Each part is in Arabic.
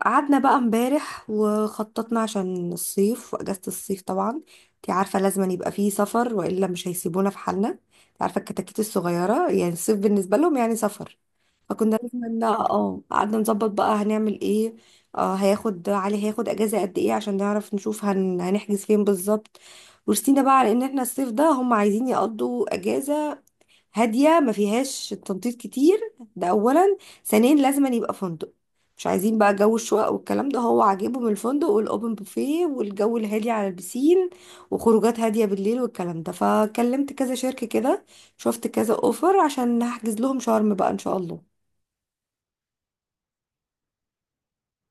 قعدنا بقى امبارح وخططنا عشان الصيف واجازة الصيف، طبعا انت عارفة لازم يبقى فيه سفر والا مش هيسيبونا في حالنا. انت عارفة الكتاكيت الصغيرة، يعني الصيف بالنسبة لهم يعني سفر. فكنا لازم ان قعدنا نظبط بقى هنعمل ايه. هياخد، علي هياخد اجازة قد ايه عشان نعرف نشوف هنحجز فين بالظبط. ورسينا بقى على ان احنا الصيف ده هم عايزين يقضوا اجازة هاديه ما فيهاش تنطيط كتير. ده اولا، ثانيا لازم أن يبقى فندق. مش عايزين بقى جو الشقق والكلام ده، هو عاجبهم الفندق والاوبن بوفيه والجو الهادي على البسين وخروجات هاديه بالليل والكلام ده. فكلمت كذا شركه كده، شفت كذا اوفر، عشان هحجز لهم شرم بقى ان شاء الله.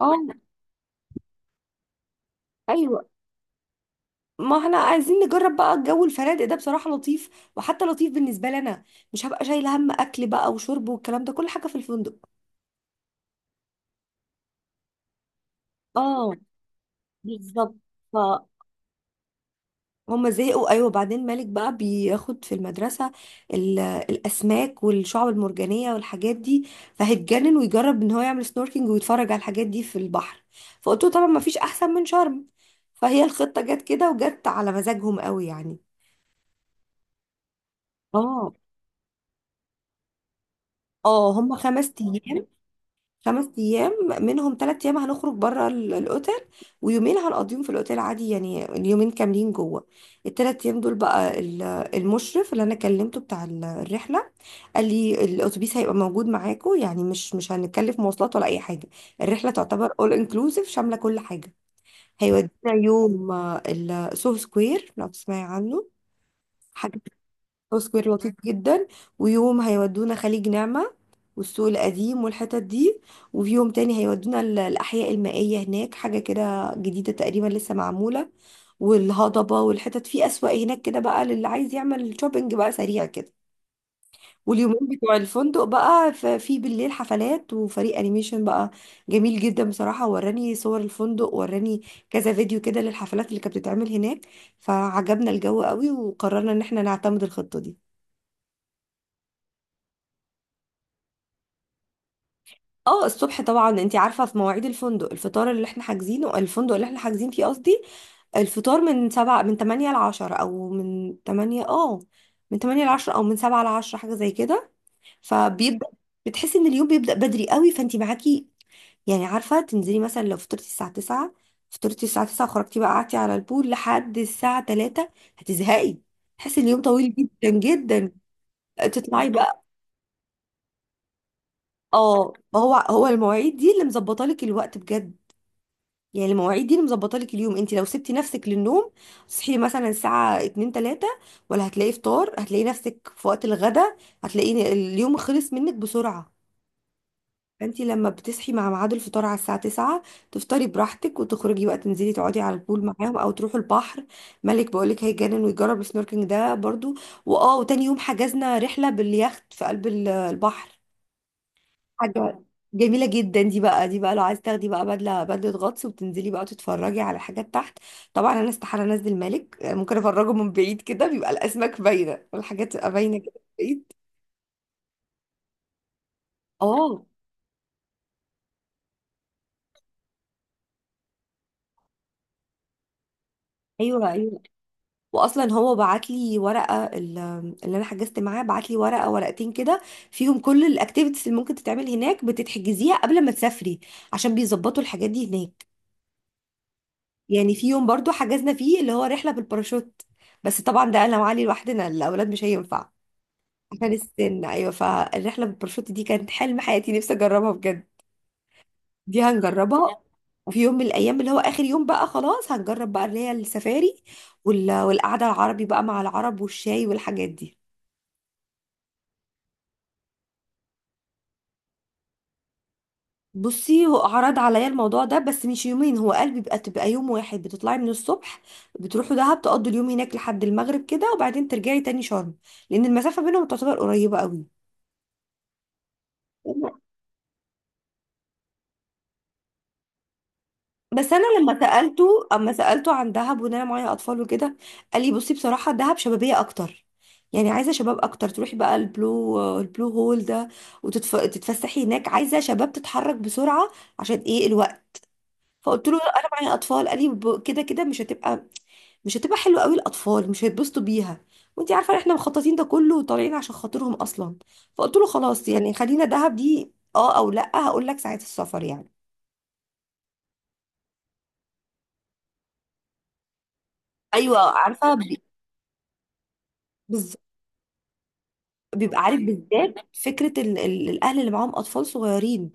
اه. ايوه ما احنا عايزين نجرب بقى الجو، الفنادق ده بصراحة لطيف، وحتى لطيف بالنسبة لنا. مش هبقى شايلة هم أكل بقى وشرب والكلام ده، كل حاجة في الفندق. اه. بالظبط. هما زهقوا، ايوه، بعدين مالك بقى بياخد في المدرسه الاسماك والشعب المرجانيه والحاجات دي، فهيتجنن ويجرب ان هو يعمل سنوركينج ويتفرج على الحاجات دي في البحر. فقلت له طبعا ما فيش احسن من شرم، فهي الخطه جت كده وجت على مزاجهم قوي يعني. اه. اه هما 5 ايام. 5 ايام منهم 3 ايام هنخرج بره الاوتيل، ويومين هنقضيهم في الاوتيل عادي، يعني اليومين كاملين جوه. ال 3 ايام دول بقى، المشرف اللي انا كلمته بتاع الرحله قال لي الاتوبيس هيبقى موجود معاكم، يعني مش هنتكلف مواصلات ولا اي حاجه. الرحله تعتبر اول انكلوسيف شامله كل حاجه. هيودينا يوم السو سكوير، لو تسمعي عنه حاجه، سو سكوير لطيف جدا. ويوم هيودونا خليج نعمه والسوق القديم والحتت دي. وفي يوم تاني هيودونا الاحياء المائيه، هناك حاجه كده جديده تقريبا لسه معموله، والهضبه والحتت في اسواق هناك كده، بقى للي عايز يعمل شوبينج بقى سريع كده. واليومين بتوع الفندق بقى في بالليل حفلات وفريق انيميشن بقى جميل جدا بصراحة، وراني صور الفندق، وراني كذا فيديو كده للحفلات اللي كانت بتتعمل هناك، فعجبنا الجو قوي وقررنا ان احنا نعتمد الخطة دي. اه. الصبح طبعا انت عارفة في مواعيد الفندق، الفطار اللي احنا حاجزينه، الفندق اللي احنا حاجزين فيه قصدي، الفطار من 7، من 8 ل 10، أو من تمانية، من تمانية لعشرة أو من 7 ل 10، حاجة زي كده. فبيبدأ، بتحسي إن اليوم بيبدأ بدري قوي، فأنت معاكي يعني عارفة تنزلي مثلا لو فطرتي الساعة 9، فطرتي الساعة 9 وخرجتي بقى قعدتي على البول لحد الساعة 3، هتزهقي، تحسي اليوم طويل جدا جدا، تطلعي بقى. اه. ما هو، هو المواعيد دي اللي مظبطه لك الوقت بجد، يعني المواعيد دي اللي مظبطه لك اليوم. انت لو سبتي نفسك للنوم تصحي مثلا الساعة 2 3، ولا هتلاقي فطار، هتلاقي نفسك في وقت الغدا، هتلاقي اليوم خلص منك بسرعة. فانت لما بتصحي مع ميعاد الفطار على الساعة 9، تفطري براحتك وتخرجي بقى، تنزلي تقعدي على البول معاهم او تروحوا البحر، مالك بقولك هيجنن ويجرب السنوركينج ده برضو. واه وتاني يوم حجزنا رحلة باليخت في قلب البحر، حاجة جميلة جدا. دي بقى لو عايز تاخدي بقى بدلة غطس، وبتنزلي بقى تتفرجي على الحاجات تحت. طبعا انا استحالة انزل، مالك ممكن افرجه من بعيد كده، بيبقى الاسماك باينة والحاجات تبقى باينة كده من بعيد. اه. ايوه، ايوه. واصلا هو بعت لي ورقه، اللي انا حجزت معاه بعت لي ورقه، ورقتين كده، فيهم كل الاكتيفيتيز اللي ممكن تتعمل هناك، بتتحجزيها قبل ما تسافري عشان بيظبطوا الحاجات دي هناك. يعني في يوم برضو حجزنا فيه اللي هو رحله بالباراشوت، بس طبعا ده انا وعلي لوحدنا، الاولاد مش هينفع عشان السن، ايوه. فالرحله بالباراشوت دي كانت حلم حياتي، نفسي اجربها بجد، دي هنجربها. وفي يوم من الايام، اللي هو اخر يوم بقى، خلاص هنجرب بقى اللي هي السفاري، وال- والقعده العربي بقى مع العرب والشاي والحاجات دي. بصي هو عرض عليا الموضوع ده، بس مش يومين، هو قال بيبقى تبقى يوم واحد، بتطلعي من الصبح بتروحوا دهب تقضوا اليوم هناك لحد المغرب كده، وبعدين ترجعي تاني شرم، لان المسافه بينهم تعتبر قريبه قوي. بس انا لما سالته، اما سالته عن دهب، وان انا معايا اطفال وكده، قال لي بصي بصراحه دهب شبابيه اكتر، يعني عايزه شباب اكتر، تروحي بقى البلو هول ده وتتفسحي هناك، عايزه شباب تتحرك بسرعه عشان ايه الوقت. فقلت له لا انا معايا اطفال، قال لي كده كده مش هتبقى، مش هتبقى حلوه قوي، الاطفال مش هيتبسطوا بيها، وانت عارفه احنا مخططين ده كله وطالعين عشان خاطرهم اصلا. فقلت له خلاص يعني خلينا دهب دي اه، او لا هقول لك ساعه السفر يعني. ايوه عارفه. بز- بيبقى عارف بالذات فكره ال ال الاهل اللي معاهم اطفال صغيرين،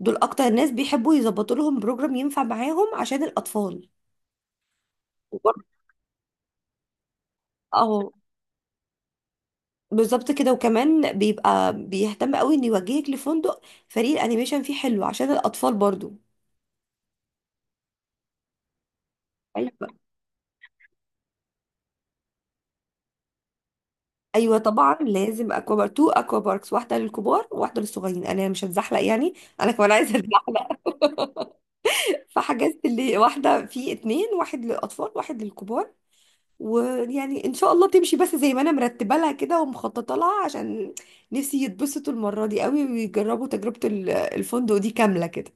دول اكتر ناس بيحبوا يظبطوا لهم بروجرام ينفع معاهم عشان الاطفال. وبرضه- اهو، بالظبط كده، وكمان بيبقى بيهتم قوي ان يوجهك لفندق فريق الانيميشن فيه حلو عشان الاطفال برضو. ايوه. ايوه طبعا لازم اكوا بارك، تو اكوا باركس، واحده للكبار وواحده للصغيرين، انا مش هتزحلق يعني، انا كمان عايزه اتزحلق. فحجزت اللي واحده في اتنين، واحد للاطفال واحد للكبار. ويعني ان شاء الله تمشي بس زي ما انا مرتبه لها كده ومخططه لها، عشان نفسي يتبسطوا المره دي قوي، ويجربوا تجربه الفندق دي كامله كده.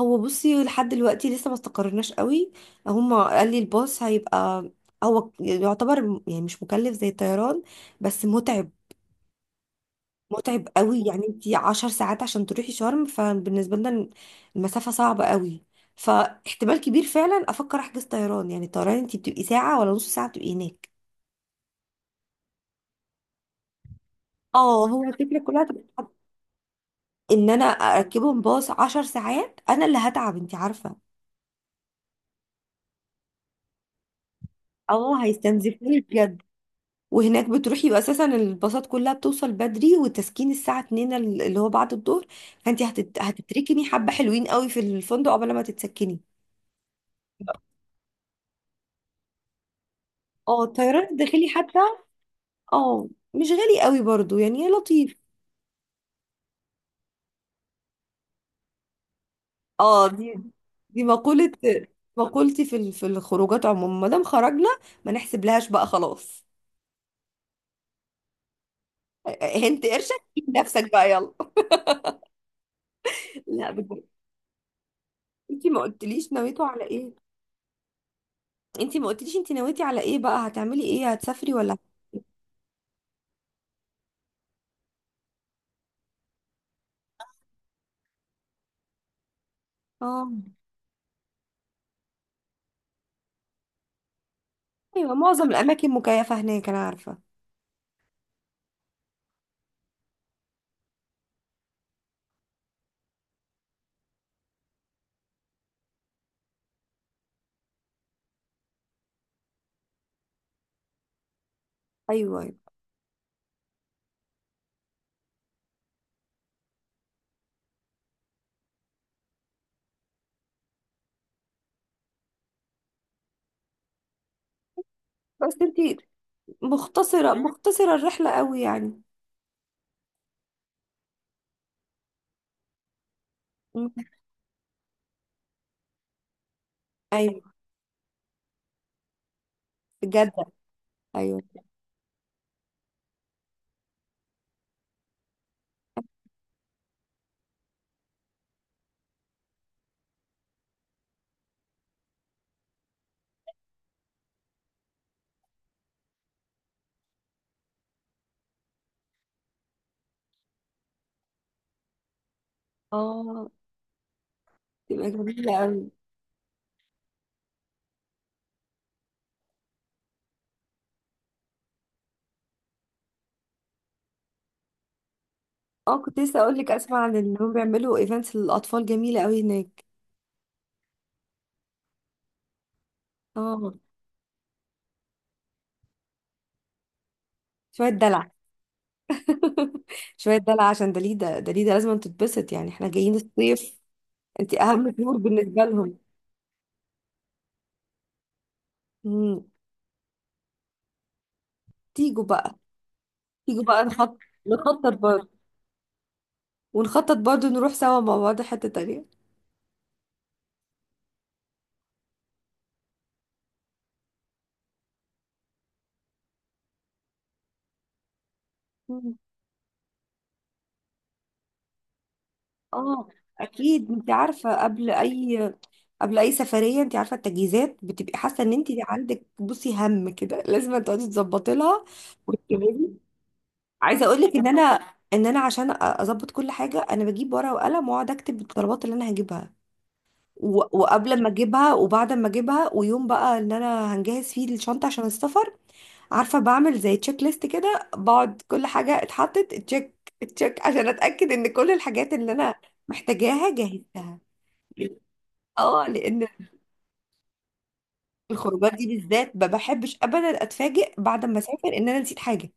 هو بصي، لحد دلوقتي لسه ما استقرناش قوي، هما قال لي الباص هيبقى، هو يعتبر يعني مش مكلف زي الطيران، بس متعب، متعب قوي يعني، انتي 10 ساعات عشان تروحي شرم، فبالنسبة لنا المسافة صعبة قوي. فاحتمال كبير فعلا افكر احجز طيران، يعني الطيران انتي بتبقي ساعة ولا نص ساعة بتبقي هناك. اه. هو الفكرة كلها تبقى ان انا اركبهم باص 10 ساعات، انا اللي هتعب انتي عارفة. اه هيستنزفوني بجد. وهناك بتروحي يبقى اساسا الباصات كلها بتوصل بدري، وتسكين الساعه 2، اللي هو بعد الظهر، فانت هتتركني حبه حلوين قوي في الفندق قبل ما تتسكني. اه الطيران الداخلي حتى، اه مش غالي قوي برضو، يعني لطيف. اه. دي مقوله، مقولتي في في الخروجات عموما، ما دام خرجنا ما نحسب لهاش بقى خلاص. هنت قرشك جيب نفسك بقى يلا. لا بجد، انت ما قلتليش نويتوا على ايه، انت ما قلتليش انت نويتي على ايه بقى، هتعملي ايه، هتسافري ولا؟ اه. ايوه معظم الاماكن مكيفه هناك انا عارفه. ايوه، ايوه. بس انتي مختصره مختصره الرحله قوي يعني. مم. ايوه في جده، ايوه. اه تبقى جميله قوي. اه، كنت لسه اقول لك، اسمع عن انهم بيعملوا ايفنتس للاطفال جميله قوي هناك. اه. شويه دلع. شويه دلع عشان دليده دليده لازم تتبسط، يعني احنا جايين الصيف، انتي اهم طيور بالنسبه لهم. مم. تيجوا بقى، تيجوا بقى نخطط برضه، ونخطط برضه نروح سوا مع بعض حته تانيه. اه، اكيد. انت عارفه قبل اي سفريه، انت عارفه التجهيزات بتبقي حاسه ان انت عندك، بصي، هم كده لازم تقعدي تظبطي لها وتكتبي. عايزه اقول لك ان انا عشان اظبط كل حاجه، انا بجيب ورقه وقلم واقعد اكتب الطلبات اللي انا هجيبها، وقبل ما اجيبها وبعد ما اجيبها، ويوم بقى ان انا هنجهز فيه الشنطه عشان السفر. عارفه بعمل زي تشيك ليست كده، بقعد كل حاجه اتحطت تشيك تشيك عشان اتاكد ان كل الحاجات اللي انا محتاجاها جاهزة. اه، لان الخروجات دي بالذات ما بحبش ابدا اتفاجئ بعد ما اسافر ان انا نسيت حاجه،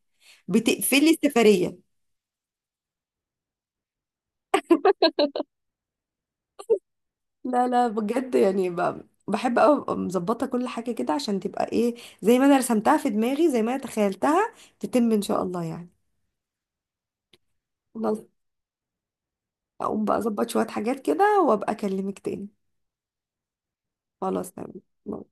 بتقفلي السفريه. لا لا بجد يعني، بحب قوي ابقى مظبطه كل حاجه كده، عشان تبقى ايه، زي ما انا رسمتها في دماغي، زي ما انا تخيلتها، تتم ان شاء الله يعني. خلاص. اقوم بقى اظبط شويه حاجات كده وابقى اكلمك تاني. خلاص تمام.